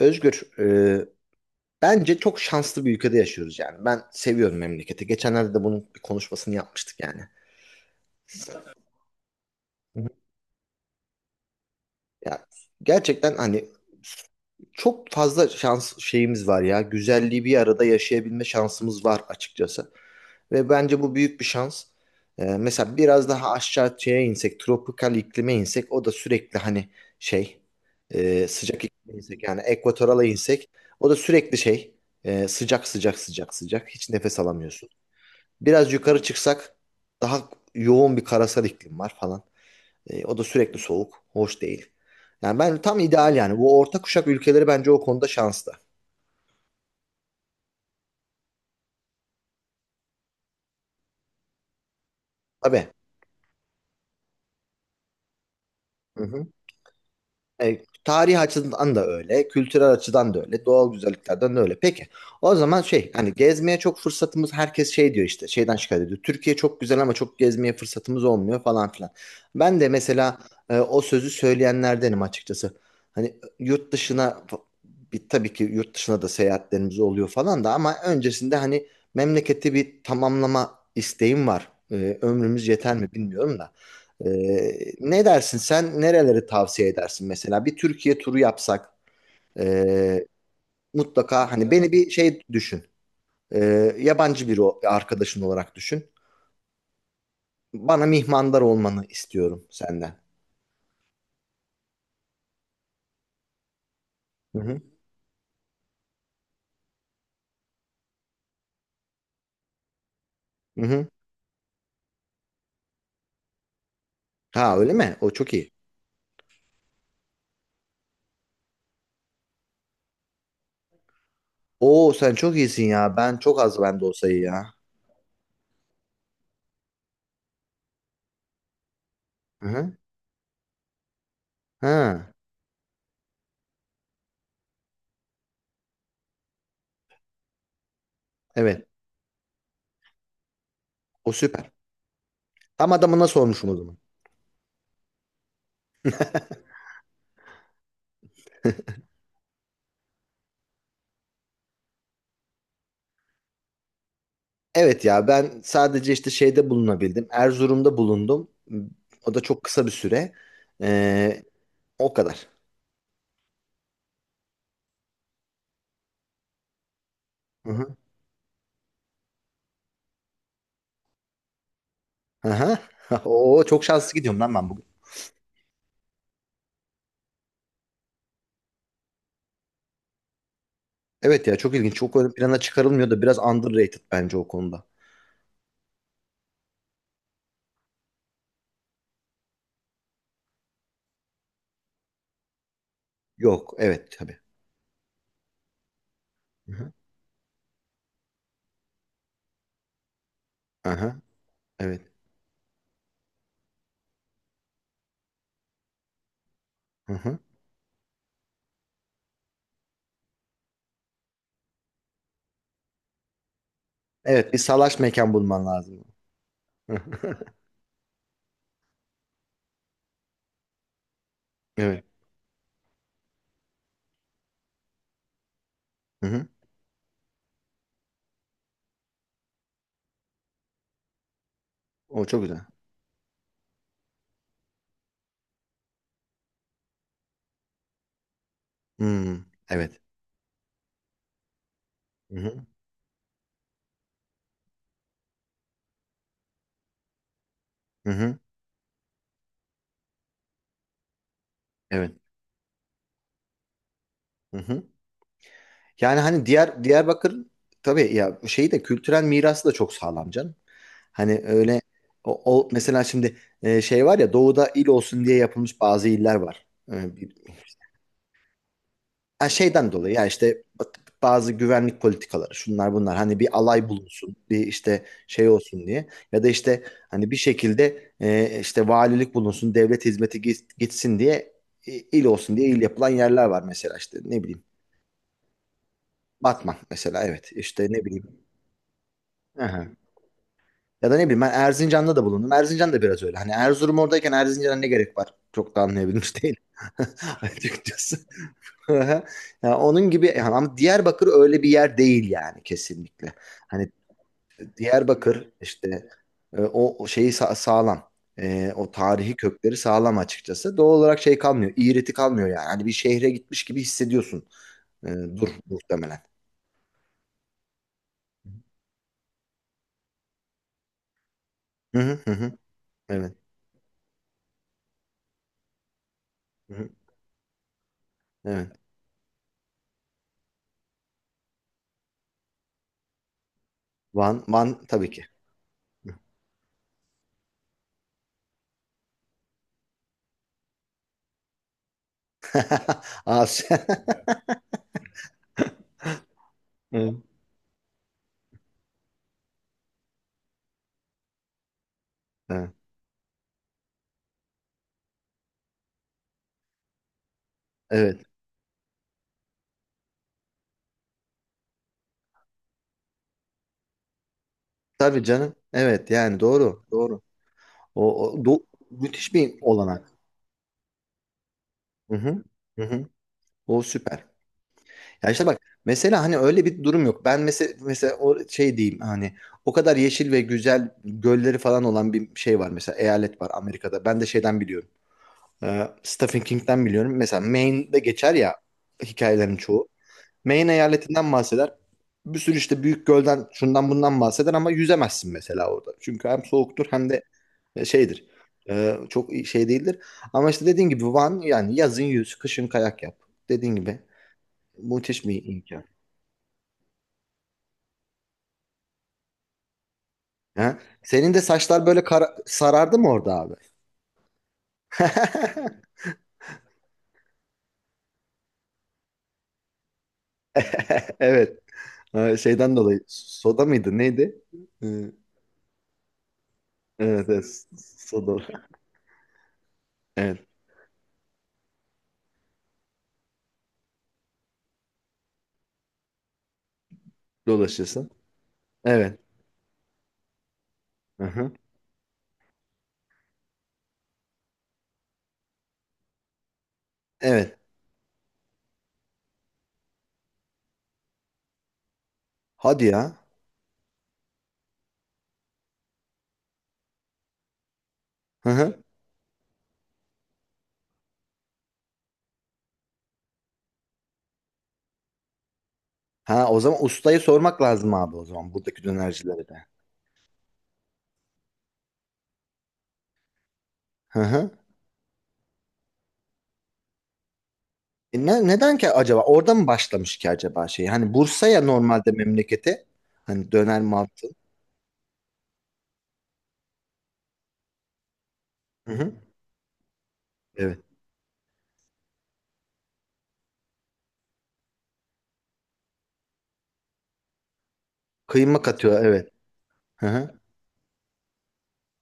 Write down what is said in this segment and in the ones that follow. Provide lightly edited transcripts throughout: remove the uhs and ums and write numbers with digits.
Özgür, bence çok şanslı bir ülkede yaşıyoruz yani. Ben seviyorum memleketi. Geçenlerde de bunun bir konuşmasını yapmıştık yani. Hı hı. Ya gerçekten hani çok fazla şans şeyimiz var ya. Güzelliği bir arada yaşayabilme şansımız var açıkçası. Ve bence bu büyük bir şans. Mesela biraz daha aşağı şeye insek, tropikal iklime insek, o da sürekli hani şey, sıcak iklime insek yani ekvatorala insek, o da sürekli şey, sıcak sıcak sıcak sıcak, hiç nefes alamıyorsun. Biraz yukarı çıksak daha yoğun bir karasal iklim var falan. O da sürekli soğuk. Hoş değil. Yani ben tam ideal yani. Bu orta kuşak ülkeleri bence o konuda şanslı. Tabii. Hı hı. E, Tarih açıdan da öyle, kültürel açıdan da öyle, doğal güzelliklerden de öyle. Peki, o zaman şey, hani gezmeye çok fırsatımız, herkes şey diyor işte, şeyden şikayet ediyor. Türkiye çok güzel ama çok gezmeye fırsatımız olmuyor falan filan. Ben de mesela o sözü söyleyenlerdenim açıkçası. Hani yurt dışına, bir, tabii ki yurt dışına da seyahatlerimiz oluyor falan da ama öncesinde hani memleketi bir tamamlama isteğim var. Ömrümüz yeter mi bilmiyorum da. Ne dersin, sen nereleri tavsiye edersin mesela bir Türkiye turu yapsak, ee, mutlaka hani beni bir şey düşün. Yabancı bir arkadaşın olarak düşün, bana mihmandar olmanı istiyorum senden. Hı hı. Hı hı. Ha, öyle mi? O çok iyi. Oo, sen çok iyisin ya, ben çok az bende o sayı ya. Hı hı. Ha evet, o süper. Tam adamına sormuşum o zaman. Evet ya, ben sadece işte şeyde bulunabildim, Erzurum'da bulundum. O da çok kısa bir süre. Ee, O kadar. Hı hı. Aha. Oo çok şanslı gidiyorum lan ben bugün. Evet ya, çok ilginç. Çok ön plana çıkarılmıyor da biraz underrated bence o konuda. Yok, evet tabii. Hı hı. Aha evet. Hı hı. Evet, bir salaş mekan bulman lazım. Hı hı. Evet. Hı hı. O çok güzel. Hmm, evet. Hı hı. Hı hı. Evet. Hı hı. Yani hani diğer Diyarbakır, tabii ya şeyi de, kültürel mirası da çok sağlam canım. Hani öyle o, mesela şimdi şey var ya, doğuda il olsun diye yapılmış bazı iller var. E, bir- ha, şeyden dolayı ya işte bazı güvenlik politikaları, şunlar bunlar, hani bir alay bulunsun, bir işte şey olsun diye, ya da işte hani bir şekilde işte valilik bulunsun, devlet hizmeti gitsin diye il olsun diye il yapılan yerler var, mesela işte ne bileyim Batman mesela, evet işte ne bileyim. Aha. Ya da ne bileyim ben Erzincan'da da bulundum. Erzincan da biraz öyle. Hani Erzurum oradayken Erzincan'a ne gerek var? Çok da anlayabilmiş değil. Açıkçası. Yani onun gibi yani, ama Diyarbakır öyle bir yer değil yani, kesinlikle. Hani Diyarbakır işte o şeyi sağlam. O tarihi kökleri sağlam açıkçası. Doğal olarak şey kalmıyor. İğreti kalmıyor yani. Hani bir şehre gitmiş gibi hissediyorsun. E, Dur muhtemelen. Hı hı hı. Hı. Evet. Hı hı. Evet. Van, Van tabii ki. Asya. Evet. Ha, evet. Tabii canım. Evet yani doğru. Doğru. O, Müthiş bir olanak. Hı hı. Hı hı. O süper. Ya işte bak, mesela hani öyle bir durum yok. Ben mesela, o şey diyeyim hani, o kadar yeşil ve güzel gölleri falan olan bir şey var, mesela eyalet var Amerika'da. Ben de şeyden biliyorum. Stephen King'den biliyorum. Mesela Maine'de geçer ya hikayelerin çoğu. Maine eyaletinden bahseder. Bir sürü işte büyük gölden, şundan bundan bahseder ama yüzemezsin mesela orada. Çünkü hem soğuktur hem de şeydir. Çok şey değildir. Ama işte dediğin gibi Van, yani yazın yüz, kışın kayak yap. Dediğin gibi. Müthiş bir imkan. Ha? Senin de saçlar böyle sarardı mı orada abi? Evet. Şeyden dolayı. Soda mıydı? Neydi? E, Evet, evet. Soda. Evet. Dolaşıyorsun. Evet. Hı-hı. Evet. Hadi ya. Hı-hı. Ha, o zaman ustayı sormak lazım abi o zaman, buradaki dönercilere de. Hı-hı. E neden ki acaba? Orada mı başlamış ki acaba şey? Hani Bursa'ya normalde, memlekete, hani döner mantı. Hı hı. Evet. Kıyma katıyor, evet. Hı hı.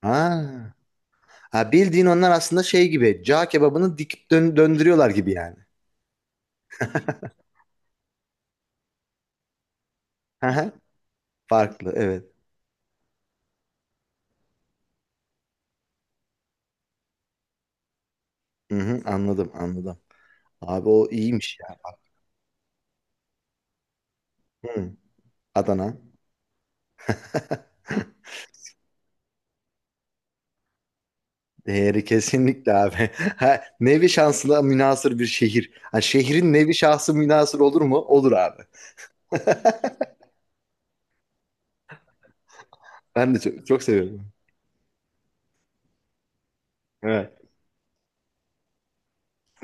Ha. Ha, bildiğin onlar aslında şey gibi. Cağ kebabını dikip döndürüyorlar gibi yani. Hı hı. Farklı, evet. Hı hı, anladım anladım. Abi o iyiymiş ya. Hı. Adana. Değeri kesinlikle abi. Ha, nevi şansına münasır bir şehir. Ha, şehrin nevi şahsı münasır olur mu? Olur abi. Ben de çok, çok seviyorum. Evet.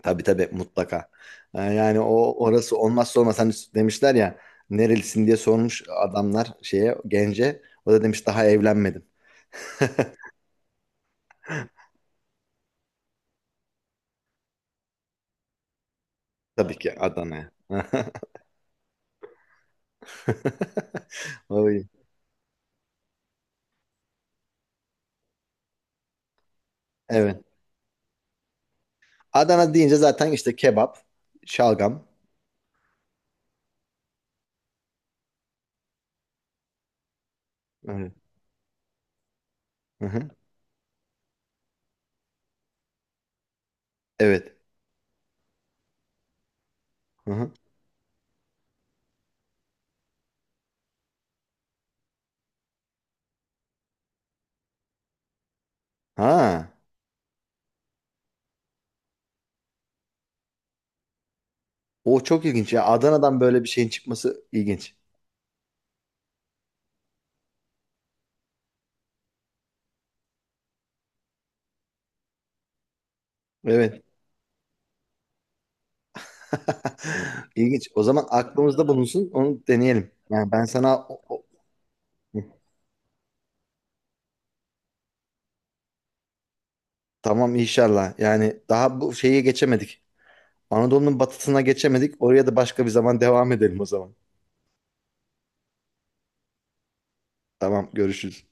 Tabii tabii, mutlaka. Yani o, orası olmazsa olmaz. Hani demişler ya, nerelisin diye sormuş adamlar şeye, gence. O da demiş daha evlenmedim. Tabii ki Adana'ya. Oy. Evet. Adana deyince zaten işte kebap, şalgam. Evet. Hı hı. Evet. Hı hı. Ha. O çok ilginç ya. Adana'dan böyle bir şeyin çıkması ilginç. Evet. İlginç. O zaman aklımızda bulunsun. Onu deneyelim. Yani ben sana tamam inşallah. Yani daha bu şeye geçemedik. Anadolu'nun batısına geçemedik. Oraya da başka bir zaman devam edelim o zaman. Tamam, görüşürüz.